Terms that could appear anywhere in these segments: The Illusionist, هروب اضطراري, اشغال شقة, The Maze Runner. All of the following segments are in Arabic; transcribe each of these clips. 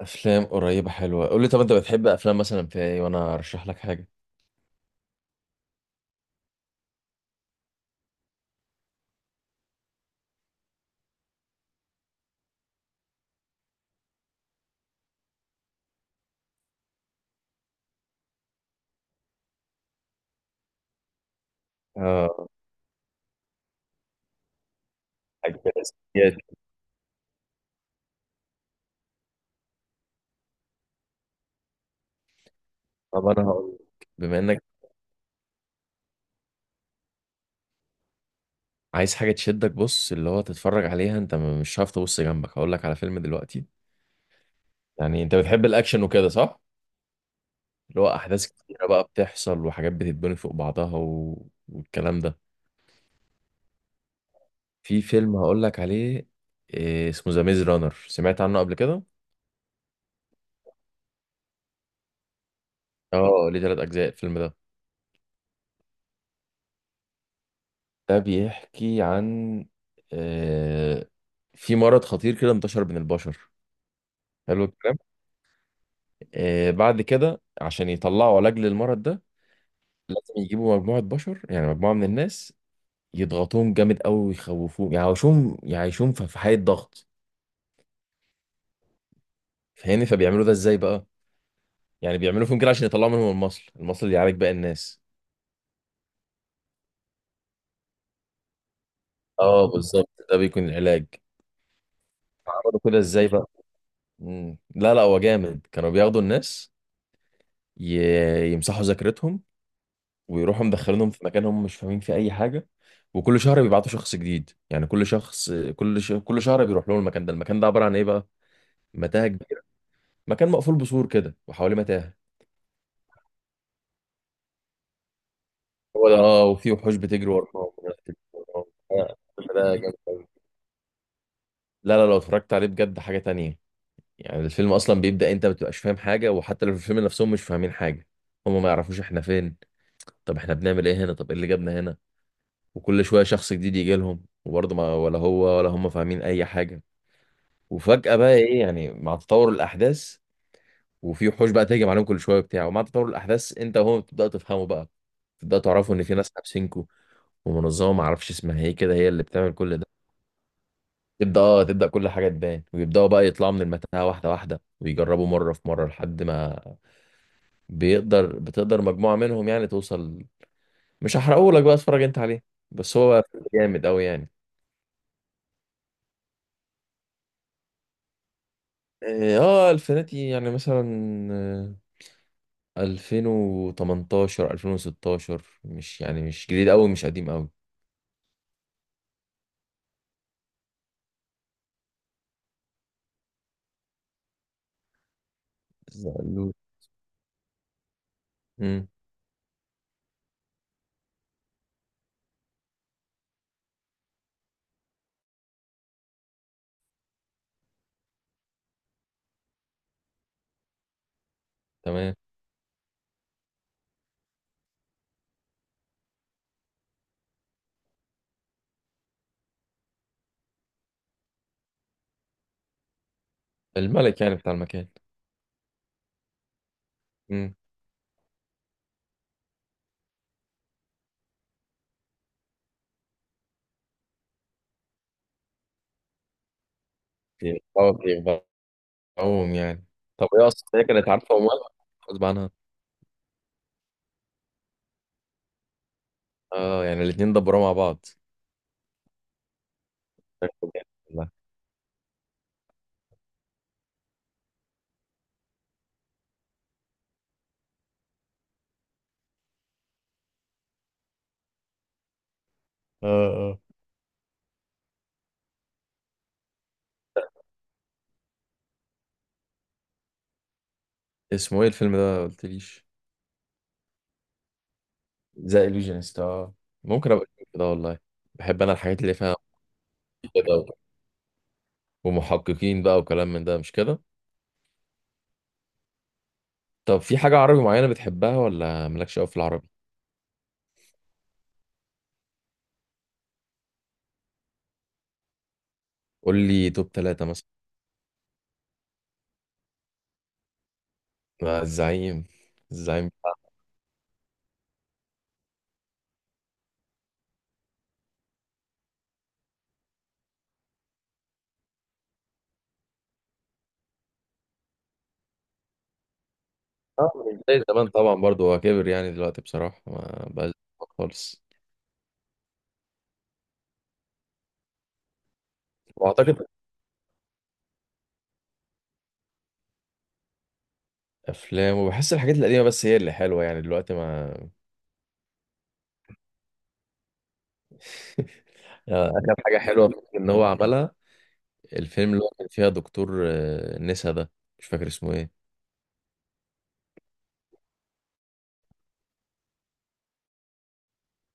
افلام قريبه حلوه، قول لي طب انت بتحب افلام مثلا في ايه وانا ارشح لك حاجه. اه، حاجه اساسيات. طب انا هقول لك بما انك عايز حاجه تشدك، بص اللي هو تتفرج عليها انت مش هتعرف تبص جنبك. هقول لك على فيلم دلوقتي. يعني انت بتحب الاكشن وكده، صح؟ اللي هو احداث كتيره بقى بتحصل وحاجات بتتبني فوق بعضها والكلام ده. في فيلم هقول لك عليه، إيه اسمه؟ ذا ميز رانر، سمعت عنه قبل كده؟ اه، ليه ثلاث اجزاء الفيلم ده. ده بيحكي عن آه، في مرض خطير كده انتشر بين البشر. حلو الكلام. بعد كده عشان يطلعوا علاج للمرض ده لازم يجيبوا مجموعة بشر، يعني مجموعة من الناس يضغطوهم جامد قوي ويخوفوهم، يعيشوهم في حالة ضغط. فاهمني؟ فبيعملوا ده ازاي بقى؟ يعني بيعملوا فيهم كده عشان يطلعوا منهم المصل، المصل اللي يعالج باقي الناس. اه بالظبط، ده بيكون العلاج. عملوا كده ازاي بقى؟ مم. لا لا، هو جامد. كانوا بياخدوا الناس، يمسحوا ذاكرتهم ويروحوا مدخلينهم في مكان هم مش فاهمين فيه اي حاجه. وكل شهر بيبعتوا شخص جديد، يعني كل شخص كل شهر بيروح لهم. المكان ده، المكان ده عباره عن ايه بقى؟ متاهه كبيره. مكان مقفول بسور كده وحواليه متاهه. هو ده، اه، وفي وحوش بتجري وراهم وناس بتجري وراهم. الفيلم ده جامد أوي. لا لا، لو اتفرجت عليه بجد حاجه تانية. يعني الفيلم اصلا بيبدا انت ما بتبقاش فاهم حاجه، وحتى لو في الفيلم نفسهم مش فاهمين حاجه. هم ما يعرفوش احنا فين، طب احنا بنعمل ايه هنا؟ طب ايه اللي جابنا هنا؟ وكل شويه شخص جديد يجي لهم وبرضه ما ولا هو ولا هم فاهمين اي حاجه. وفجأة بقى ايه؟ يعني مع تطور الأحداث وفي وحوش بقى تهجم عليهم كل شوية وبتاع، ومع تطور الأحداث أنت وهو بتبدأ تفهموا بقى، تبدأ تعرفوا إن في ناس حابسينكوا، ومنظمة معرفش اسمها ايه كده هي اللي بتعمل كل ده. تبدأ، اه، تبدأ كل حاجة تبان، ويبدأوا بقى يطلعوا من المتاهة واحدة واحدة، ويجربوا مرة في مرة لحد ما بيقدر، بتقدر مجموعة منهم يعني توصل. مش هحرقه لك بقى، اتفرج أنت عليه. بس هو جامد أوي يعني. اه، الفناتي يعني مثلا. آه، 2018 2016، مش يعني مش جديد قوي مش قديم قوي. زعلوك. امم. تمام. الملك يعني بتاع المكان. امم. بيخبعوهم يعني. طب هي اصلا هي كانت عارفه ومالها، غصب عنها؟ اه، يعني الاتنين دبروا مع بعض. والله. اه اه. اسمه ايه الفيلم ده؟ ما قلتليش. ذا illusionist، اه. ممكن ابقى اشوف ده والله. بحب انا الحاجات اللي فيها كده، ومحققين بقى وكلام من ده، مش كده؟ طب في حاجه عربي معينه بتحبها ولا مالكش قوي في العربي؟ قول لي توب ثلاثة مثلا. مع الزعيم. الزعيم بتاع. من زي زمان طبعا برضو، هو كبر يعني دلوقتي بصراحة، ما بقاش خالص. واعتقد افلام، وبحس الحاجات القديمة بس هي اللي حلوة، يعني دلوقتي ما. يعني اخر حاجة حلوة ان هو عملها الفيلم اللي هو كان فيها دكتور، نسا ده، مش فاكر اسمه ايه.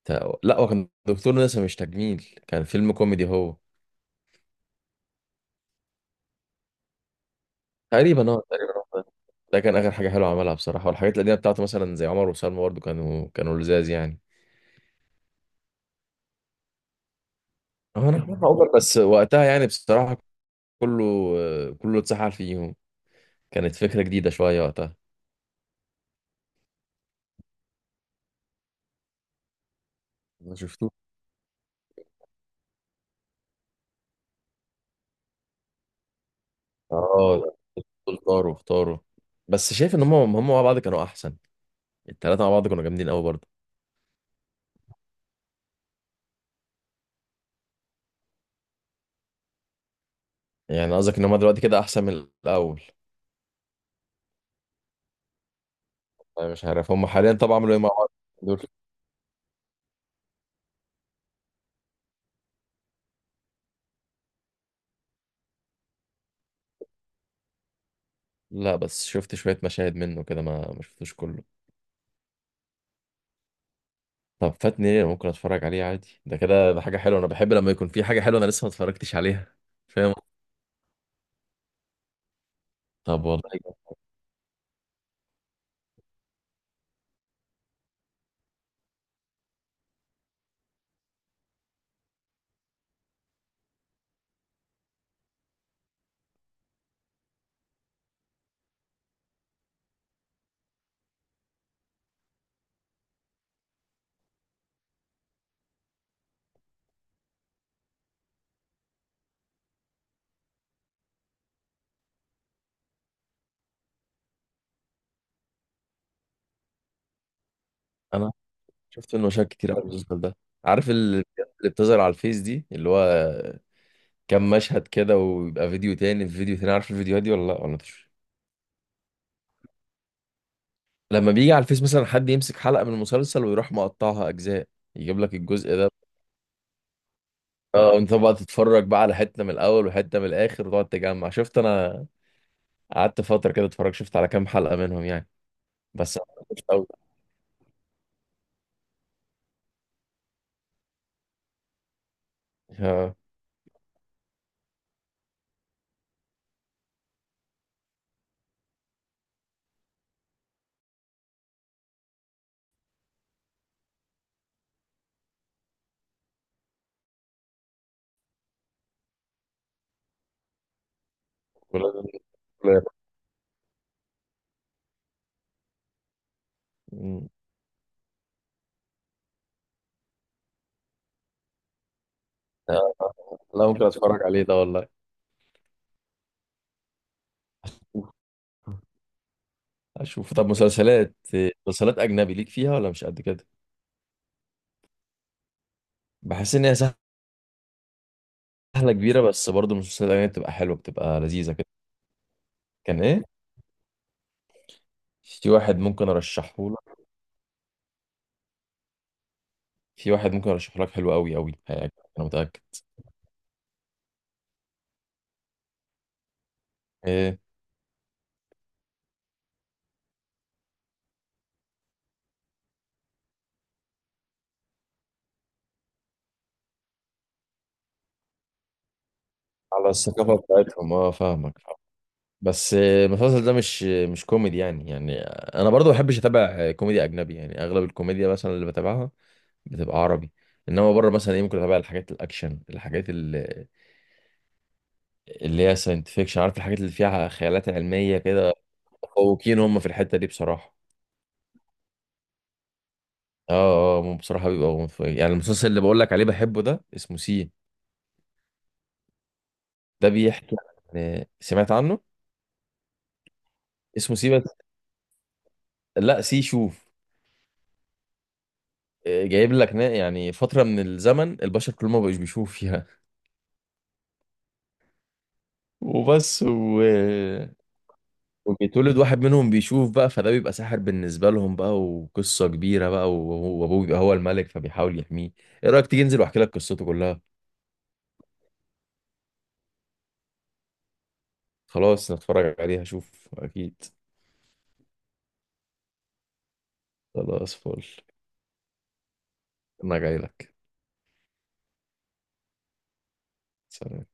لا هو كان دكتور نسا مش تجميل، كان فيلم كوميدي هو. تقريبا، اه، تقريبا هو ده. ده كان اخر حاجة حلوة عملها بصراحة. والحاجات القديمة بتاعته مثلا زي عمر وسلمى برضو، كانوا لزاز يعني. هو انا شايفها اوفر بس وقتها يعني بصراحه، كله كله اتسحل فيهم. كانت فكره جديده شويه وقتها. ما شفتوش. اه، دول طاروا، اختاروا. بس شايف ان هم مع بعض كانوا احسن. التلاته مع بعض كانوا جامدين قوي برضه. يعني قصدك ان هم دلوقتي كده احسن من الاول؟ انا مش عارف هم حاليا طبعا عملوا ايه مع بعض دول. لا، بس شفت شويه مشاهد منه كده، ما شفتوش كله. طب فاتني ليه؟ أنا ممكن اتفرج عليه عادي، ده كده ده حاجه حلوه. انا بحب لما يكون في حاجه حلوه انا لسه ما اتفرجتش عليها. فاهم. طب والله جامد. انا شفت منه مشاهد كتير قوي المسلسل ده. عارف اللي بتظهر على الفيس دي، اللي هو كام مشهد كده ويبقى فيديو تاني في فيديو تاني؟ عارف الفيديوهات دي ولا لا، ولا مش؟ لما بيجي على الفيس مثلا حد يمسك حلقة من المسلسل ويروح مقطعها أجزاء، يجيب لك الجزء ده. اه، انت بقى تتفرج بقى على حتة من الأول وحتة من الآخر وتقعد تجمع. شفت أنا قعدت فترة كده اتفرج، شفت على كام حلقة منهم يعني. بس أنا مش قوي. اه. ولازم- لا ممكن اتفرج عليه ده والله. اشوف. طب مسلسلات، مسلسلات اجنبي ليك فيها ولا مش قد كده؟ بحس ان هي سهله كبيره بس برضه المسلسلات الاجنبي بتبقى حلوه، بتبقى لذيذه كده. كان ايه؟ في واحد ممكن ارشحه لك. في واحد ممكن ارشحه لك حلو قوي قوي، هيعجبك انا متاكد. ايه، على الثقافه بتاعتهم، اه، فاهمك. بس المسلسل ده مش كوميدي يعني انا برضه ما بحبش اتابع كوميدي اجنبي، يعني اغلب الكوميديا مثلا اللي بتابعها بتبقى عربي. انما بره مثلا ايه، ممكن اتابع الحاجات الاكشن، الحاجات اللي هي ساينتفيكشن، عارف الحاجات اللي فيها خيالات علمية كده. متفوقين هم في الحتة دي بصراحة. اه اه، هم بصراحة بيبقوا متفوقين. يعني المسلسل اللي بقول لك عليه بحبه ده اسمه سي. ده بيحكي عن، سمعت عنه؟ اسمه سي بس. لا، سي شوف. جايب لك يعني فترة من الزمن البشر كلهم ما بقوش بيشوفوا فيها. وبس وبيتولد واحد منهم بيشوف بقى، فده بيبقى ساحر بالنسبة لهم بقى وقصة كبيرة بقى. وابوه بيبقى هو الملك فبيحاول يحميه. ايه رأيك تيجي انزل واحكي لك قصته كلها؟ خلاص نتفرج عليها اشوف اكيد. خلاص فل. انا جاي لك. سلام.